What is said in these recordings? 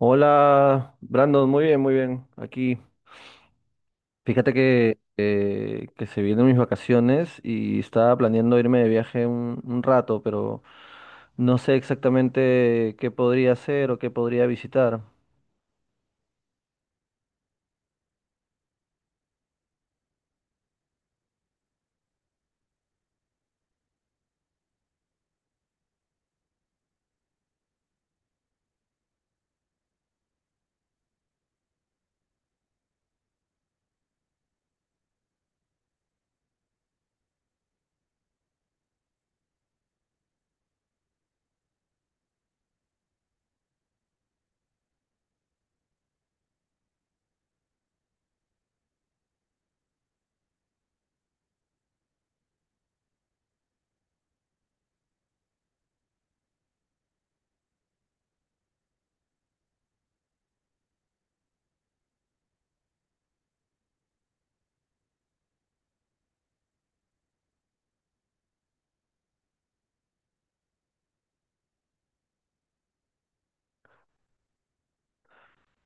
Hola, Brandon, muy bien, muy bien. Aquí, fíjate que se vienen mis vacaciones y estaba planeando irme de viaje un rato, pero no sé exactamente qué podría hacer o qué podría visitar.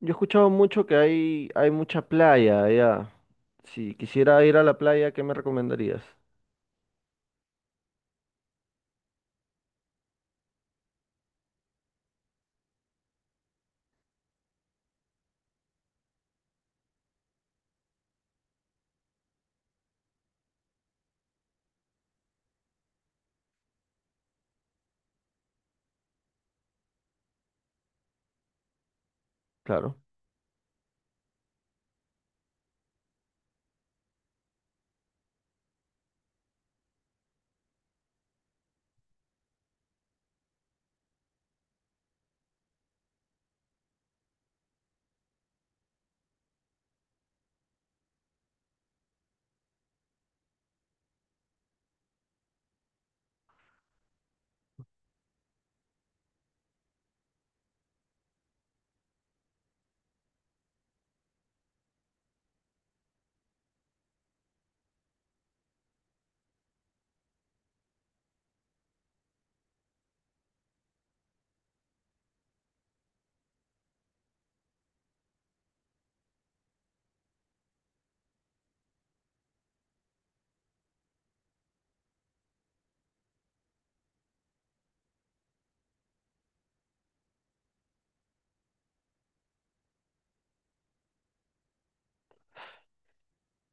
Yo he escuchado mucho que hay mucha playa allá. Si quisiera ir a la playa, ¿qué me recomendarías? Claro.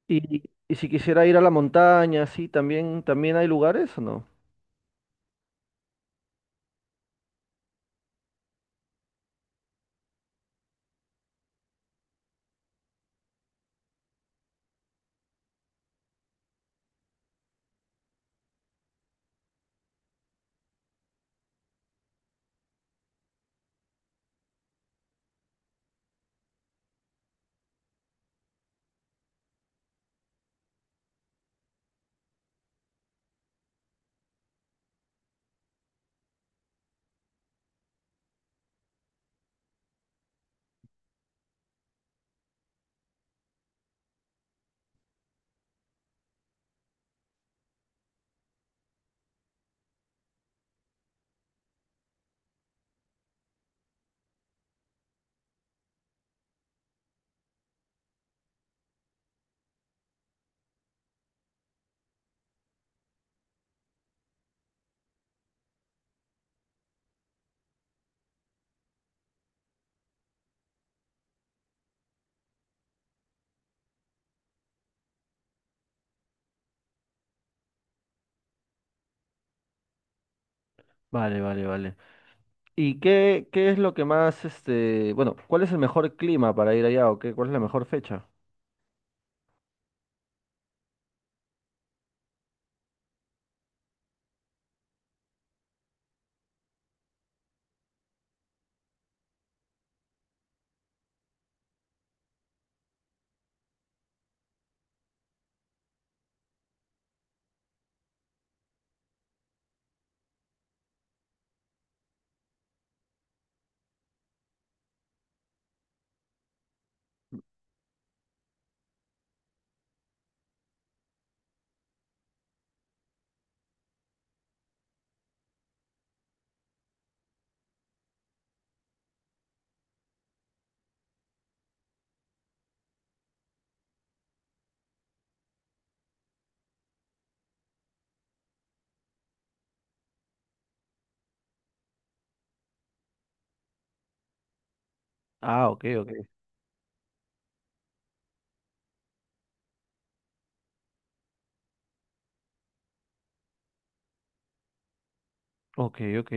Y si quisiera ir a la montaña, sí, también, también hay lugares o no? Vale, vale, vale. ¿Y qué es lo que más, este, bueno, cuál es el mejor clima para ir allá o qué, cuál es la mejor fecha? Ah, ok, ok, ok, ok.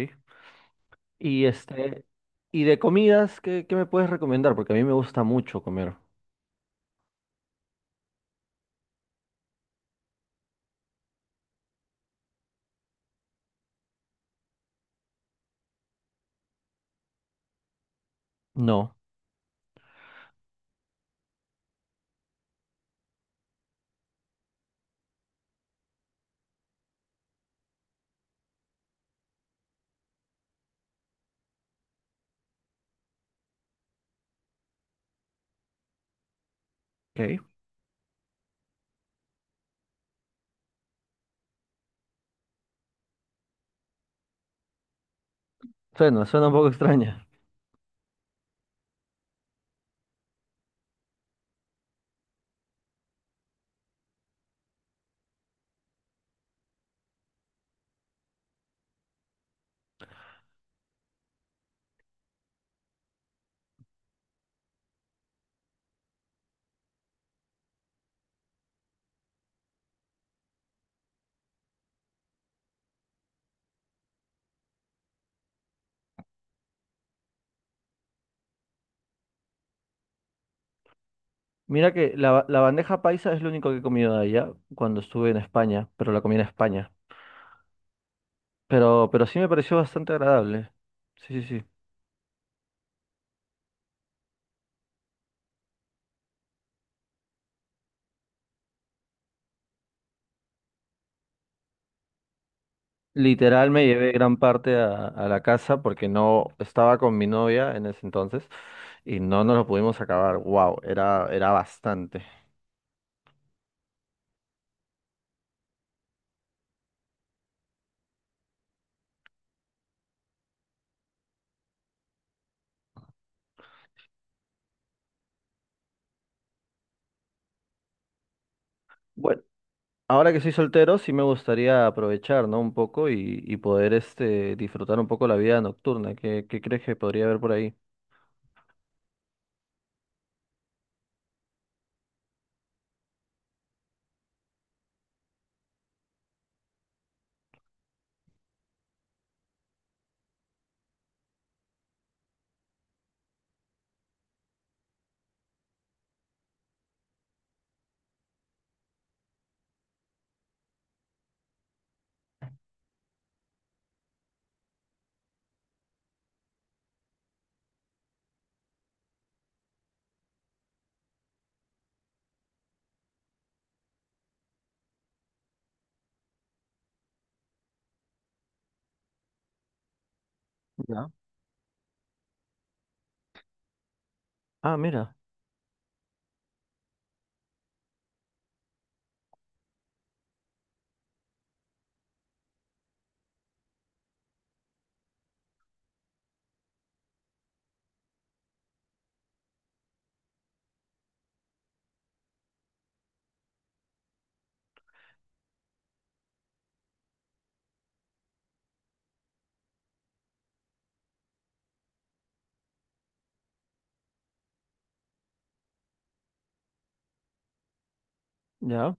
Y este, y de comidas, ¿qué me puedes recomendar? Porque a mí me gusta mucho comer. No, ok. Suena, suena un poco extraña. Mira que la, la bandeja paisa es lo único que he comido de allá cuando estuve en España, pero la comí en España. Pero sí me pareció bastante agradable. Sí, sí, sí. Literal me llevé gran parte a la casa porque no estaba con mi novia en ese entonces y no nos lo pudimos acabar. Wow, era bastante. Bueno, ahora que soy soltero sí me gustaría aprovechar, ¿no? Un poco y poder este, disfrutar un poco la vida nocturna. ¿Qué crees que podría haber por ahí? Ya. Ah, mira, ya.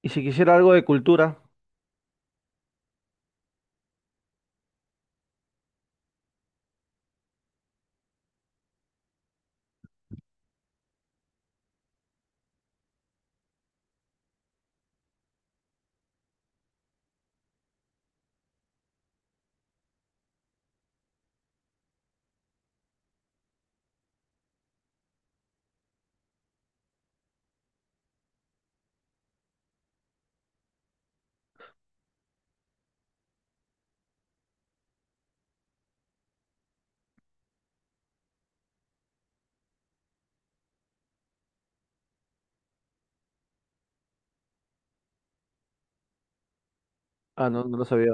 ¿Y si quisiera algo de cultura? Ah, no, no lo sabía.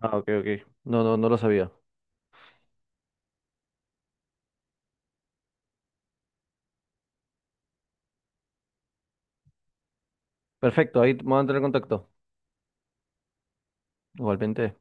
Ah, ok, ok. No, no, no lo sabía. Perfecto, ahí vamos a entrar en contacto. Igualmente.